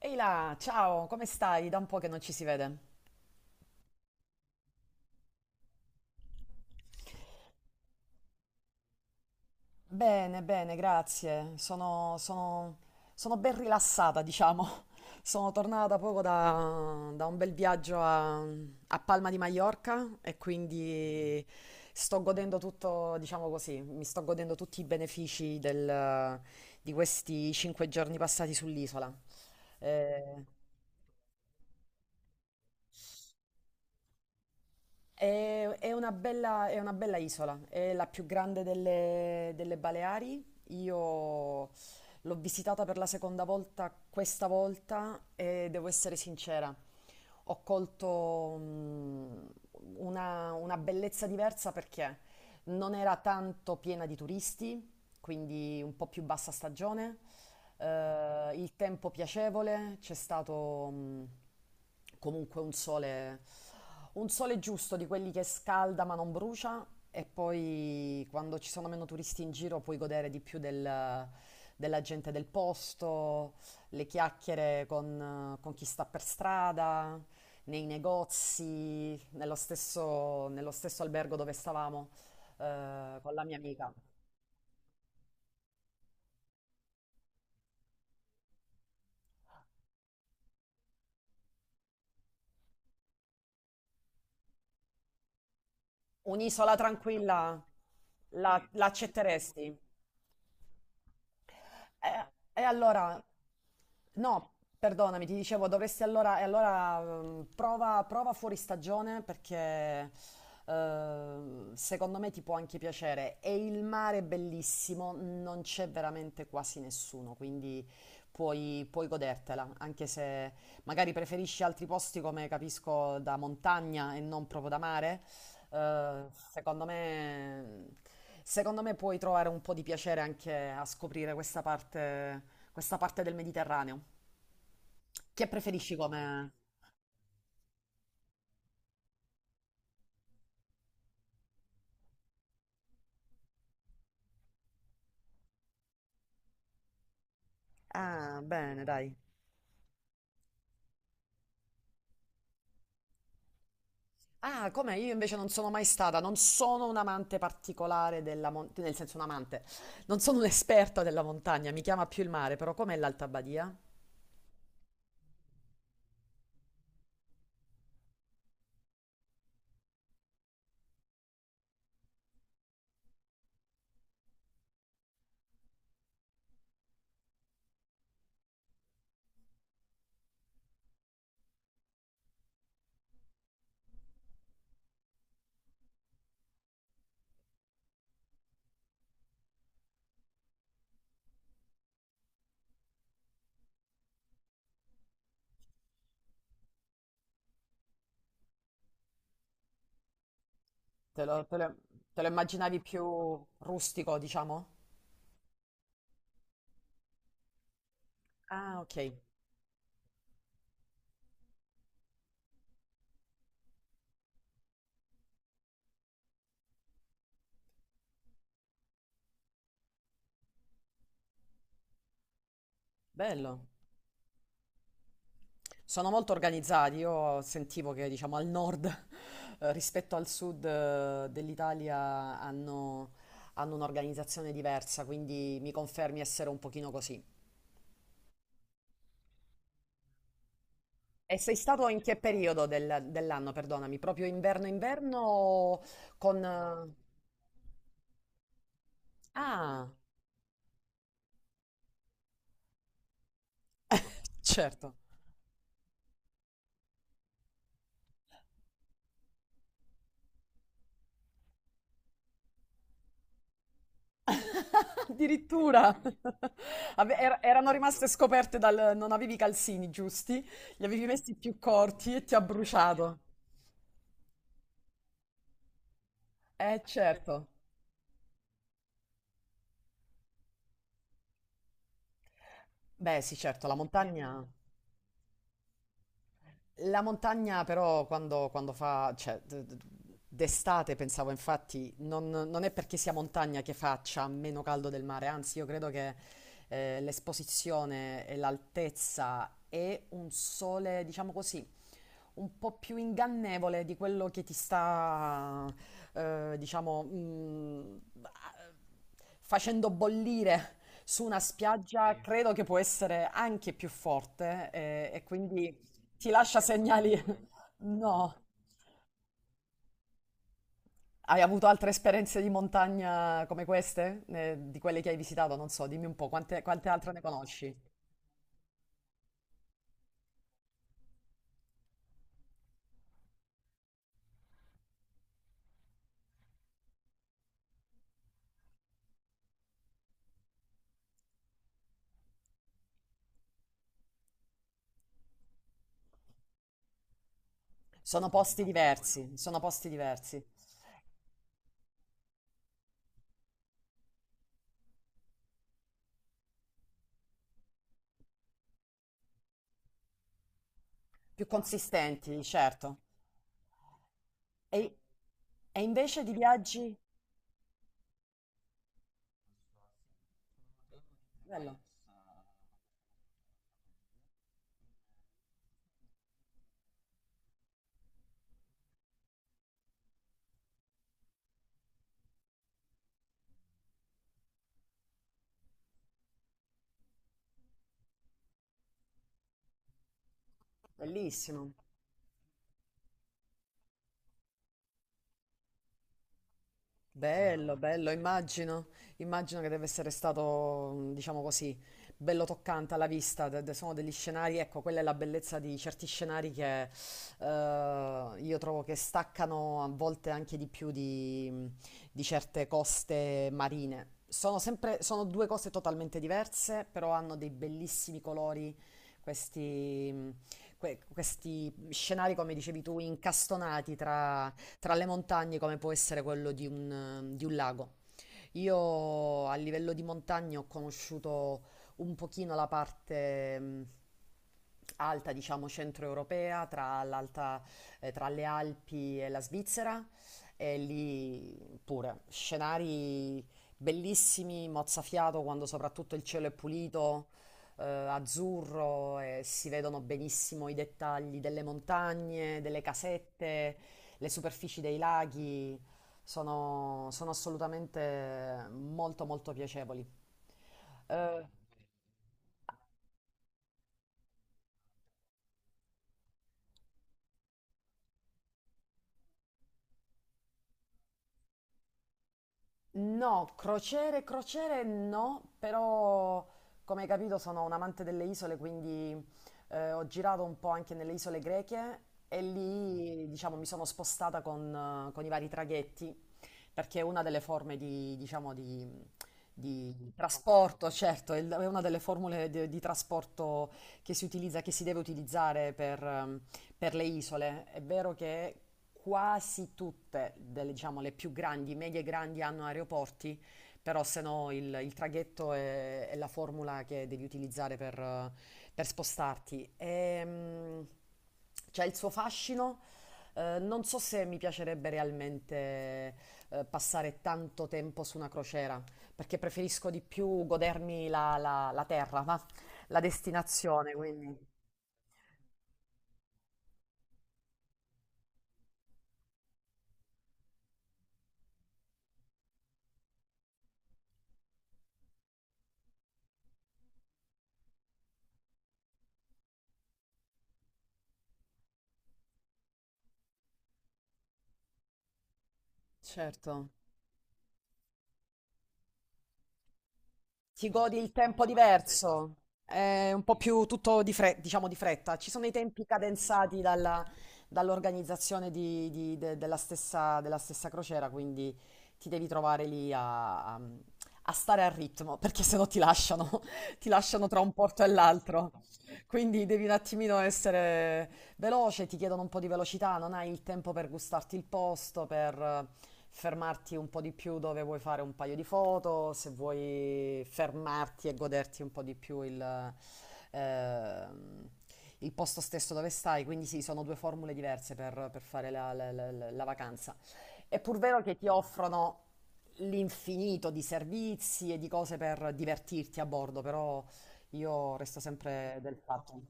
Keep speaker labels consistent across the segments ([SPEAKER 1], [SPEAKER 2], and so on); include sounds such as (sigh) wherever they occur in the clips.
[SPEAKER 1] Ehi là, ciao, come stai? Da un po' che non ci si vede. Bene, bene, grazie. Sono ben rilassata, diciamo. (laughs) Sono tornata poco da un bel viaggio a Palma di Maiorca e quindi sto godendo tutto, diciamo così, mi sto godendo tutti i benefici di questi cinque giorni passati sull'isola. Eh, è una bella isola, è la più grande delle Baleari. Io l'ho visitata per la seconda volta questa volta e devo essere sincera, ho colto una bellezza diversa perché non era tanto piena di turisti, quindi un po' più bassa stagione, il tempo piacevole, c'è stato comunque un sole giusto di quelli che scalda ma non brucia e poi quando ci sono meno turisti in giro puoi godere di più della gente del posto, le chiacchiere con chi sta per strada, nei negozi, nello stesso albergo dove stavamo con la mia amica. Un'isola tranquilla la accetteresti? Eh, E, allora, no, perdonami, ti dicevo, dovresti allora, e allora prova fuori stagione perché secondo me ti può anche piacere. E il mare è bellissimo, non c'è veramente quasi nessuno, quindi puoi godertela, anche se magari preferisci altri posti come capisco da montagna e non proprio da mare. Eh, secondo me, secondo me puoi trovare un po' di piacere anche a scoprire questa parte del Mediterraneo. Che preferisci come. Ah, bene, dai. Ah, come io invece non sono mai stata, non sono un amante particolare della montagna, nel senso un amante, non sono un'esperta della montagna, mi chiama più il mare, però com'è l'Alta Badia? Te lo, te lo te lo immaginavi più rustico, diciamo? Ah, ok, bello. Sono molto organizzati, io sentivo che diciamo al nord (laughs) rispetto al sud dell'Italia hanno un'organizzazione diversa, quindi mi confermi essere un pochino così. E sei stato in che periodo dell'anno, perdonami? Proprio inverno-inverno o con. Ah, certo, (laughs) addirittura! (laughs) Erano rimaste scoperte dal. Non avevi i calzini giusti, li avevi messi più corti e ti ha bruciato. Certo. Beh, sì, certo, la montagna però quando fa, cioè, d'estate pensavo infatti, non è perché sia montagna che faccia meno caldo del mare, anzi io credo che l'esposizione e l'altezza e un sole, diciamo così, un po' più ingannevole di quello che ti sta, diciamo, facendo bollire su una spiaggia, sì, credo che può essere anche più forte e quindi ti lascia segnali. (laughs) Assolutamente. No, hai avuto altre esperienze di montagna come queste? Di quelle che hai visitato? Non so, dimmi un po', quante altre ne conosci? Sono posti, no, no, diversi, sono posti diversi, più consistenti, certo. E, e invece di viaggi. Bello, bellissimo. Bello, bello, immagino che deve essere stato, diciamo così, bello toccante alla vista, sono degli scenari, ecco, quella è la bellezza di certi scenari che io trovo che staccano a volte anche di più di certe coste marine. Sono due cose totalmente diverse, però hanno dei bellissimi colori, questi, questi scenari, come dicevi tu, incastonati tra le montagne come può essere quello di un lago. Io a livello di montagne ho conosciuto un pochino la parte alta, diciamo centroeuropea, tra le Alpi e la Svizzera, e lì pure scenari bellissimi, mozzafiato quando soprattutto il cielo è pulito, azzurro e si vedono benissimo i dettagli delle montagne, delle casette, le superfici dei laghi. Sono assolutamente molto molto piacevoli. Eh, no, crociere, crociere no, però come hai capito sono un amante delle isole, quindi ho girato un po' anche nelle isole greche e lì diciamo mi sono spostata con i vari traghetti, perché è una delle forme di, diciamo, di trasporto, certo, è una delle formule di trasporto che si utilizza, che si deve utilizzare per le isole, è vero che quasi tutte, delle, diciamo, le più grandi, medie e grandi hanno aeroporti, però se no il traghetto è la formula che devi utilizzare per spostarti. C'è il suo fascino. Non so se mi piacerebbe realmente passare tanto tempo su una crociera, perché preferisco di più godermi la terra, va? La destinazione, quindi. Certo. Ti godi il tempo diverso, è un po' più tutto di diciamo di fretta. Ci sono i tempi cadenzati dall'organizzazione della stessa crociera, quindi ti devi trovare lì a stare al ritmo, perché sennò ti lasciano, (laughs) ti lasciano tra un porto e l'altro. Quindi devi un attimino essere, veloce, ti chiedono un po' di velocità, non hai il tempo per gustarti il posto, per fermarti un po' di più dove vuoi fare un paio di foto, se vuoi fermarti e goderti un po' di più ehm, il posto stesso dove stai. Quindi sì, sono due formule diverse per fare la vacanza. È pur vero che ti offrono l'infinito di servizi e di cose per divertirti a bordo, però io resto sempre del fatto.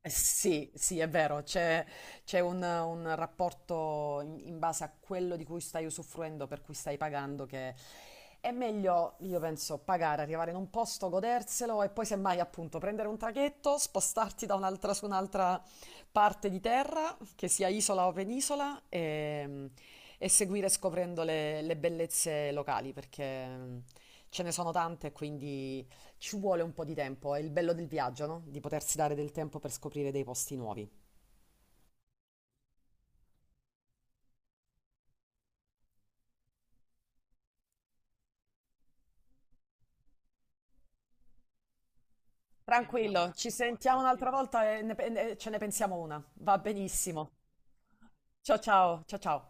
[SPEAKER 1] Eh, sì, sì, è vero, c'è un rapporto in base a quello di cui stai usufruendo, per cui stai pagando, che è meglio, io penso, pagare, arrivare in un posto, goderselo e poi semmai appunto prendere un traghetto, spostarti da un'altra su un'altra parte di terra, che sia isola o penisola, e seguire scoprendo le bellezze locali, perché ce ne sono tante e quindi ci vuole un po' di tempo. È il bello del viaggio, no? Di potersi dare del tempo per scoprire dei posti nuovi. Tranquillo, ci sentiamo un'altra volta e ne pe- e ne- ce ne pensiamo una. Va benissimo. Ciao ciao, ciao ciao.